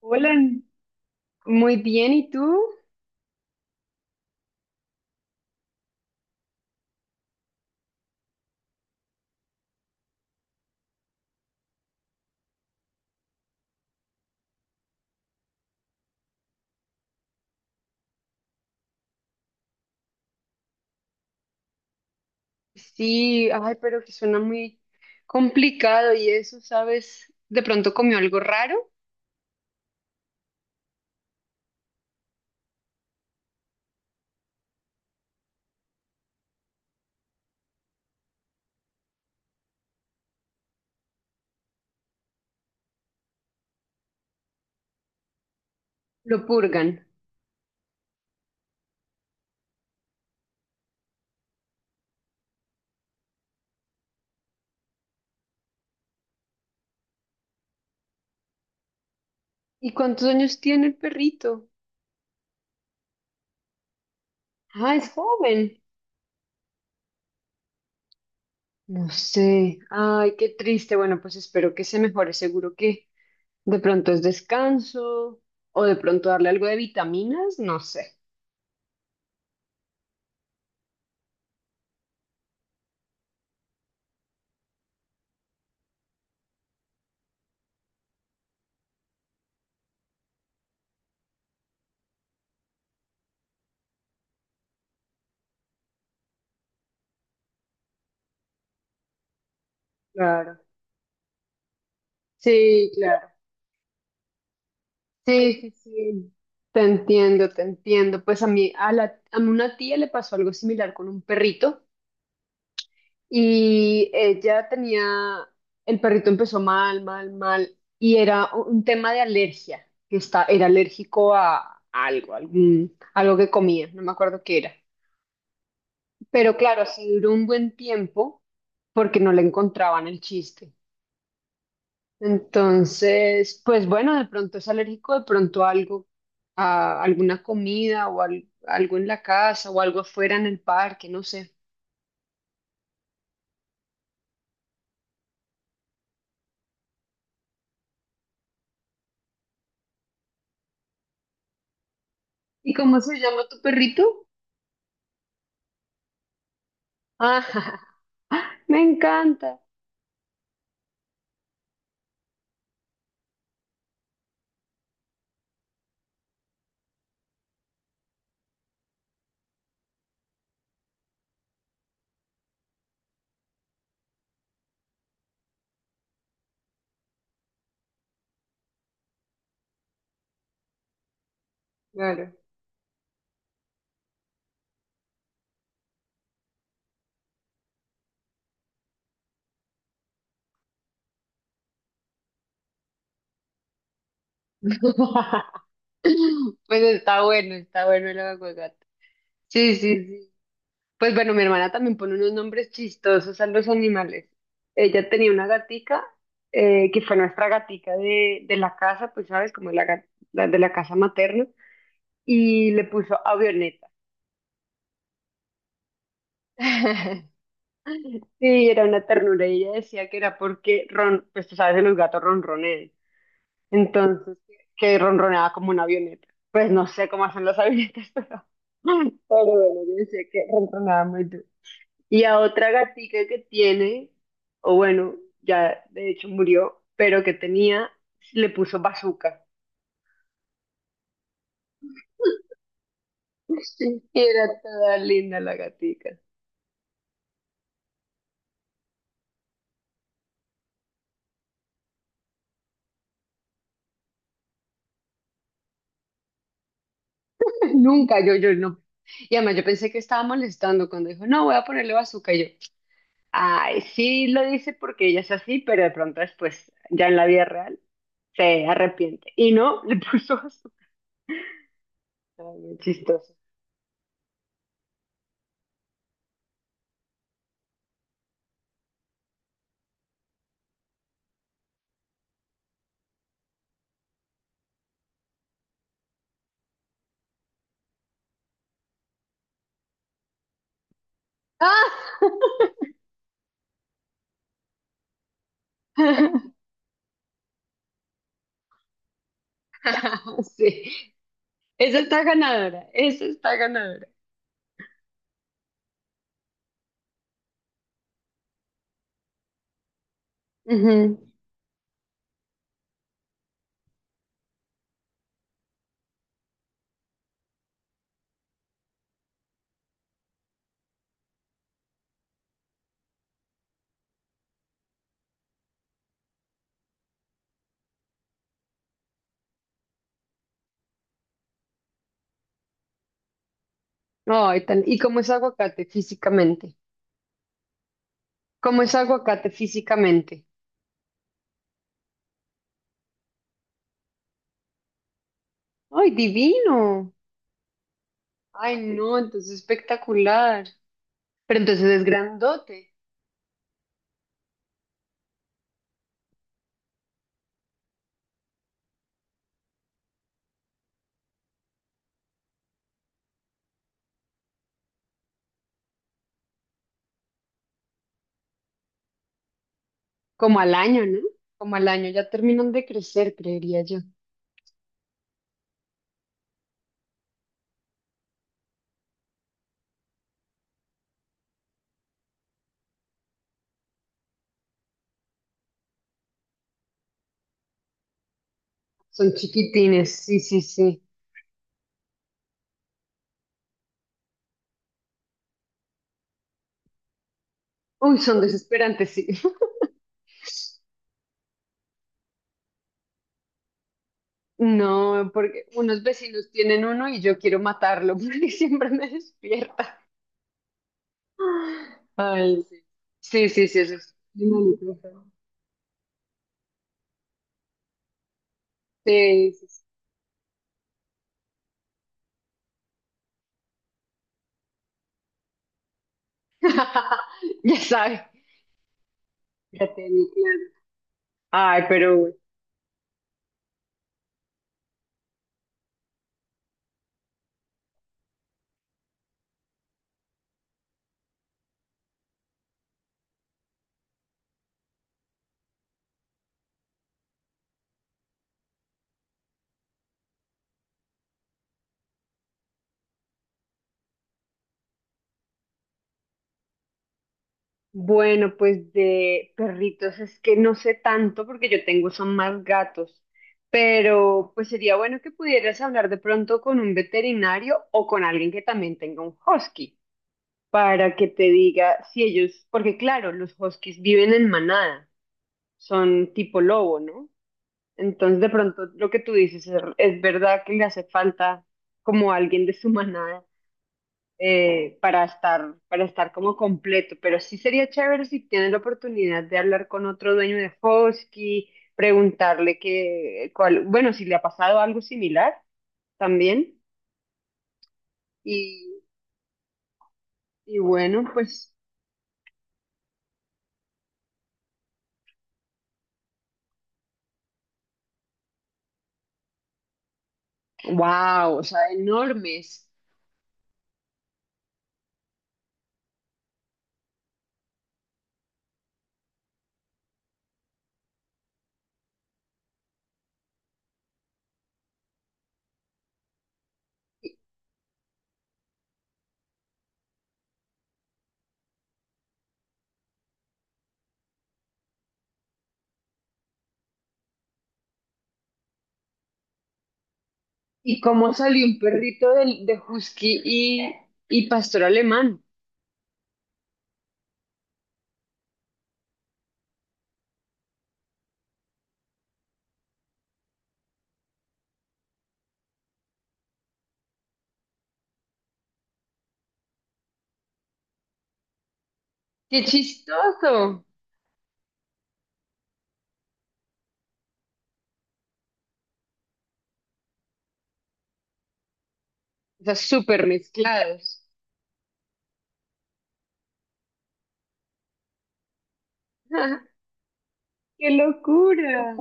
Hola, muy bien, ¿y tú? Sí, ay, pero que suena muy complicado y eso, ¿sabes? De pronto comió algo raro, lo purgan. ¿Y cuántos años tiene el perrito? Ah, es joven. No sé, ay, qué triste. Bueno, pues espero que se mejore. Seguro que de pronto es descanso o de pronto darle algo de vitaminas, no sé. Claro. Sí, claro. Sí, sí, sí, te entiendo, te entiendo. Pues a mí, a una tía le pasó algo similar con un perrito y ella tenía, el perrito empezó mal, mal, mal y era un tema de alergia, que está, era alérgico a algo, algún, algo que comía, no me acuerdo qué era. Pero claro, así duró un buen tiempo porque no le encontraban el chiste. Entonces, pues bueno, de pronto es alérgico, de pronto a algo, a alguna comida o al- algo en la casa o algo afuera en el parque, no sé. ¿Y cómo se llama tu perrito? Ah, me encanta. Claro. Pues está bueno el aguacate. Sí, sí, sí. Pues bueno, mi hermana también pone unos nombres chistosos a los animales. Ella tenía una gatica que fue nuestra gatica de la casa, pues sabes, como la, ga- la de la casa materna. Y le puso avioneta. Sí, era una ternura y ella decía que era porque ron, pues tú sabes que los gatos ronronean, entonces que ronroneaba como una avioneta. Pues no sé cómo hacen las avionetas, pero bueno, yo decía que ronroneaba muy duro. Y a otra gatica que tiene, o bueno, ya de hecho murió, pero que tenía, le puso bazooka. Y era toda linda la gatica. Nunca, yo no. Y además yo pensé que estaba molestando cuando dijo, no, voy a ponerle bazooka. Y yo, ay, sí lo dice porque ella es así, pero de pronto después, ya en la vida real, se arrepiente. Y no, le puso bazooka. Ay, muy chistoso. ¡Ah! Sí, esa está ganadora, esa está ganadora. Ujú. Ay, tan- ¿Y cómo es aguacate físicamente? ¿Cómo es aguacate físicamente? ¡Ay, divino! Ay, no, entonces espectacular. Pero entonces es grandote. ¿Como al año, no? Como al año, ya terminan de crecer, creería yo. Son chiquitines, sí, sí, sí. Uy, son desesperantes, sí. No, porque unos vecinos tienen uno y yo quiero matarlo porque siempre me despierta. Ay, sí. Sí, sí, sí, eso es. Animalito feo. Sí, sí, sí. Ya sabe. Ya tiene claro. Ay, pero bueno. Bueno, pues de perritos es que no sé tanto porque yo tengo son más gatos, pero pues sería bueno que pudieras hablar de pronto con un veterinario o con alguien que también tenga un husky para que te diga si ellos, porque claro, los huskies viven en manada, son tipo lobo, ¿no? Entonces de pronto lo que tú dices es verdad que le hace falta como alguien de su manada para estar como completo, pero sí sería chévere si tienes la oportunidad de hablar con otro dueño de Husky, preguntarle que, cuál, bueno, si le ha pasado algo similar también, y, y bueno, pues, wow, o sea, enormes. ¿Y cómo salió un perrito de Husky y pastor alemán? ¡Qué chistoso! O sea, súper mezclados. ¡Qué locura!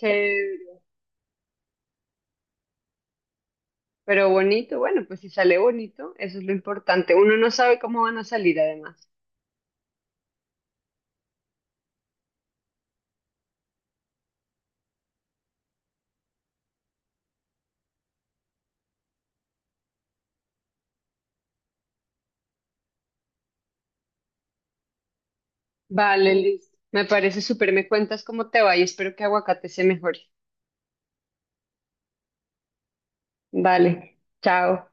Chévere. Pero bonito, bueno, pues si sale bonito, eso es lo importante. Uno no sabe cómo van a salir además. Vale, listo. Me parece súper, me cuentas cómo te va y espero que aguacate se mejore. Vale, chao.